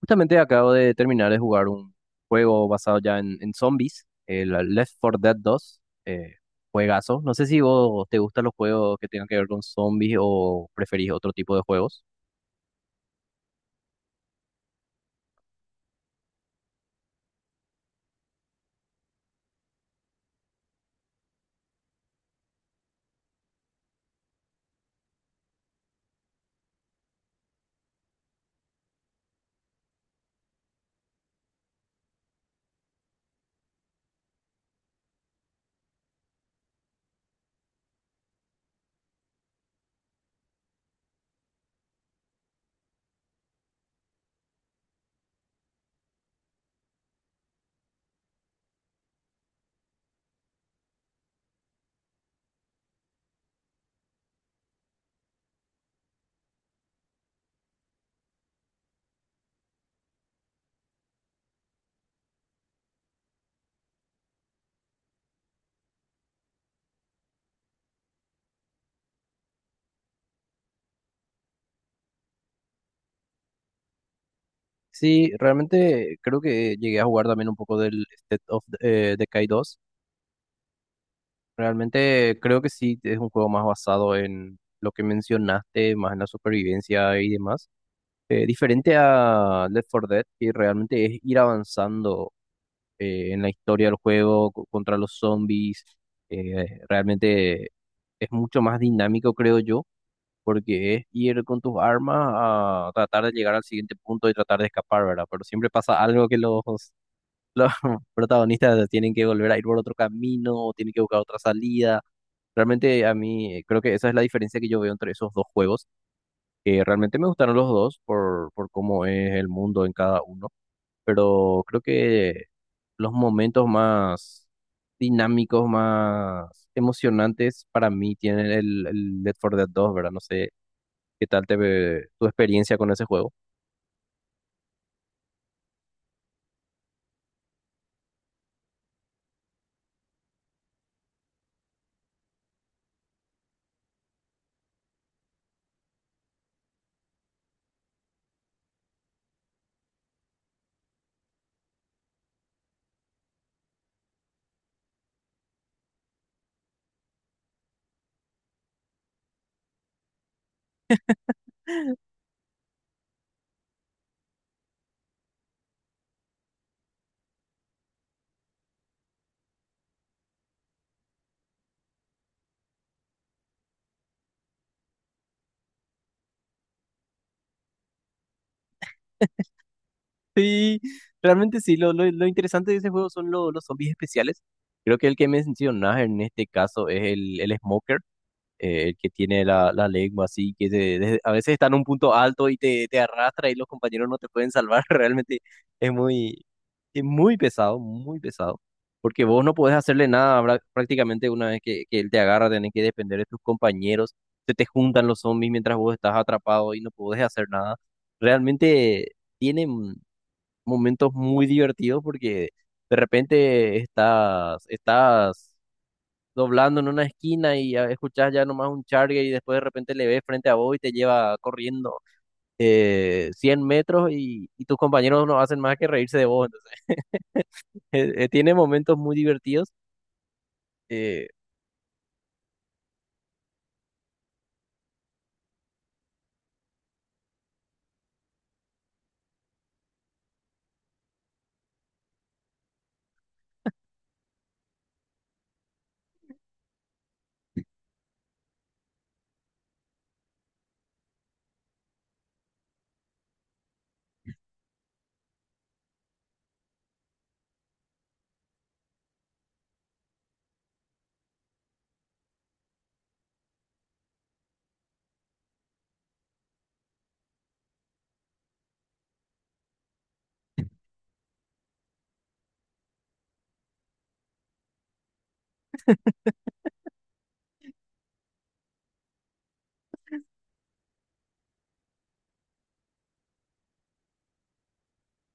Justamente acabo de terminar de jugar un juego basado ya en zombies, el Left 4 Dead dos, eh, juegazo. No sé si vos te gustan los juegos que tengan que ver con zombies o preferís otro tipo de juegos. Sí, realmente creo que llegué a jugar también un poco del State of Decay dos. Realmente creo que sí es un juego más basado en lo que mencionaste, más en la supervivencia y demás. Diferente a Left 4 Dead, que realmente es ir avanzando, en la historia del juego, contra los zombies. Realmente es mucho más dinámico, creo yo, porque es ir con tus armas a tratar de llegar al siguiente punto y tratar de escapar, ¿verdad? Pero siempre pasa algo que los protagonistas tienen que volver a ir por otro camino, o tienen que buscar otra salida. Realmente a mí, creo que esa es la diferencia que yo veo entre esos dos juegos, que realmente me gustaron los dos por cómo es el mundo en cada uno, pero creo que los momentos más dinámicos, más emocionantes para mí tienen el Left 4 Dead 2, ¿verdad? No sé qué tal te ve tu experiencia con ese juego. Sí, realmente sí, lo interesante de ese juego son los zombies especiales. Creo que el que mencionas en este caso es el Smoker. El que tiene la lengua así, que a veces está en un punto alto y te arrastra, y los compañeros no te pueden salvar. Realmente es muy, es muy pesado, muy pesado. Porque vos no podés hacerle nada, prácticamente una vez que él te agarra, tenés que depender de tus compañeros. Se te juntan los zombies mientras vos estás atrapado y no podés hacer nada. Realmente tiene momentos muy divertidos, porque de repente estás doblando en una esquina y escuchás ya nomás un charge, y después de repente le ves frente a vos y te lleva corriendo 100 metros, y tus compañeros no hacen más que reírse de vos. Entonces, tiene momentos muy divertidos. eh,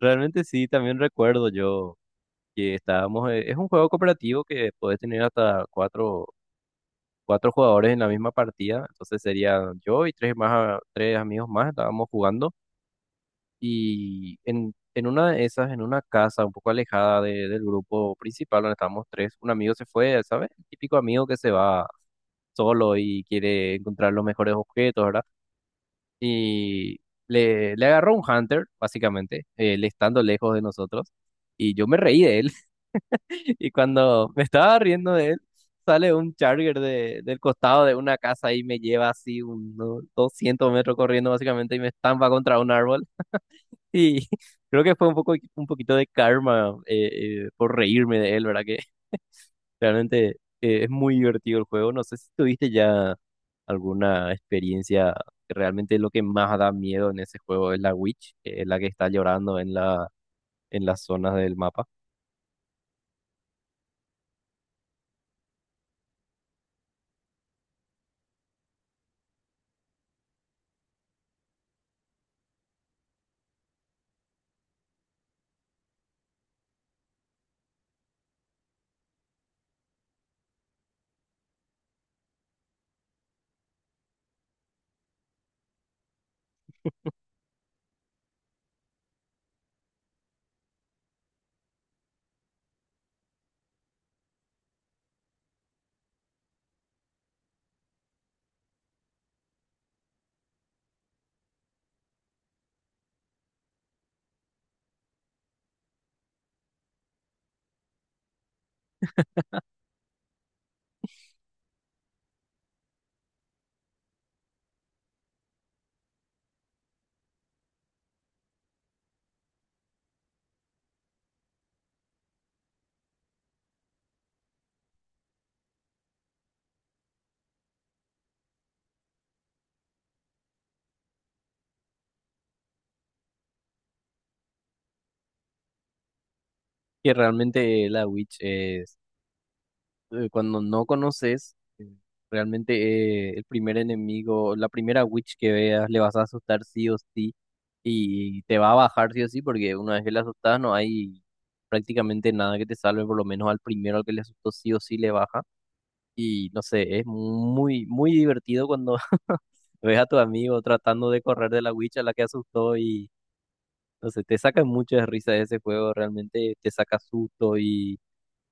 realmente sí, también recuerdo yo que es un juego cooperativo que podés tener hasta cuatro jugadores en la misma partida, entonces sería yo y tres más, tres amigos más estábamos jugando. Y en una de esas, en una casa un poco alejada del grupo principal donde estábamos tres, un amigo se fue, ¿sabes? El típico amigo que se va solo y quiere encontrar los mejores objetos, ¿verdad? Y le agarró un hunter, básicamente, él estando lejos de nosotros. Y yo me reí de él. Y cuando me estaba riendo de él, sale un charger del costado de una casa y me lleva así unos 200 metros corriendo, básicamente, y me estampa contra un árbol. Sí, creo que fue un poco, un poquito de karma, por reírme de él, ¿verdad? Que, realmente, es muy divertido el juego. No sé si tuviste ya alguna experiencia. Que realmente lo que más da miedo en ese juego es la Witch, la que está llorando en las zonas del mapa. Que realmente la Witch es, cuando no conoces, realmente, el primer enemigo, la primera witch que veas, le vas a asustar sí o sí, y te va a bajar sí o sí, porque una vez que le asustas no hay prácticamente nada que te salve. Por lo menos al primero al que le asustó sí o sí le baja. Y no sé, es muy, muy divertido cuando ves a tu amigo tratando de correr de la witch a la que asustó, y no sé, te saca mucho de risa ese juego, realmente te saca susto,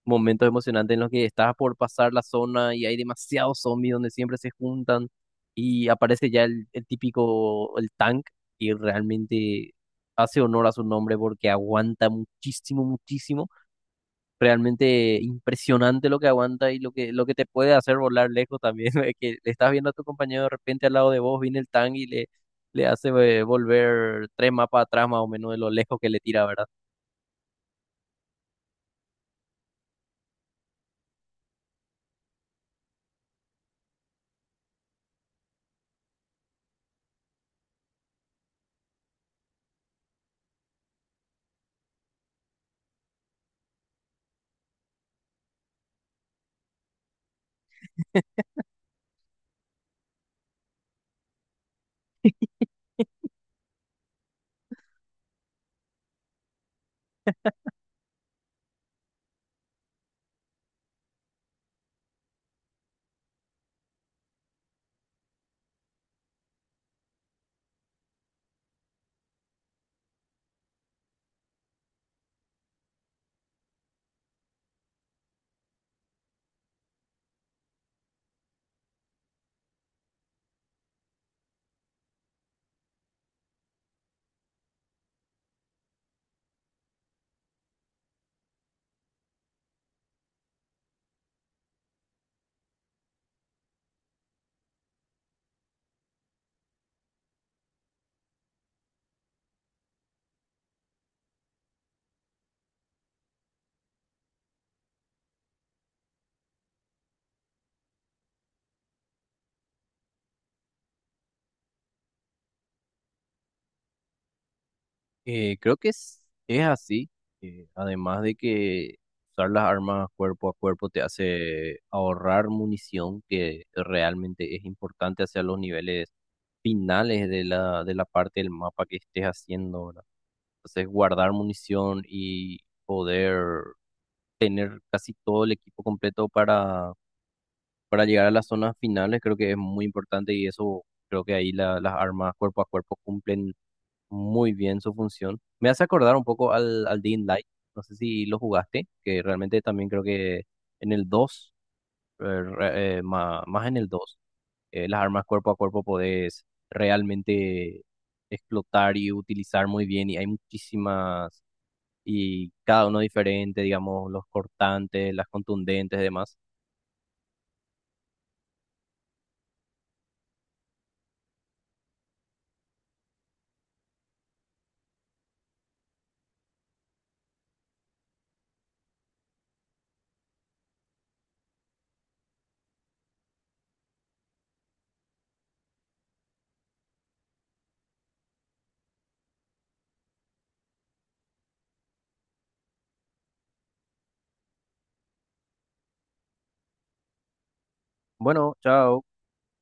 momentos emocionantes en los que estás por pasar la zona y hay demasiados zombies donde siempre se juntan, y aparece ya el típico, el tank, y realmente hace honor a su nombre porque aguanta muchísimo, muchísimo. Realmente impresionante lo que aguanta y lo que te puede hacer volar lejos también. Es que le estás viendo a tu compañero de repente al lado de vos, viene el tank y le hace, volver tres mapas atrás más o menos de lo lejos que le tira, ¿verdad? Creo que es así. Además de que usar las armas cuerpo a cuerpo te hace ahorrar munición, que realmente es importante hacia los niveles finales de de la parte del mapa que estés haciendo, ¿verdad? Entonces, guardar munición y poder tener casi todo el equipo completo para llegar a las zonas finales, creo que es muy importante, y eso creo que ahí las armas cuerpo a cuerpo cumplen muy bien su función. Me hace acordar un poco al Dying Light, no sé si lo jugaste, que realmente también creo que en el dos, eh, re- eh, ma- más, en el 2 las armas cuerpo a cuerpo podés realmente explotar y utilizar muy bien, y hay muchísimas, y cada uno diferente, digamos, los cortantes, las contundentes y demás. Bueno, chao.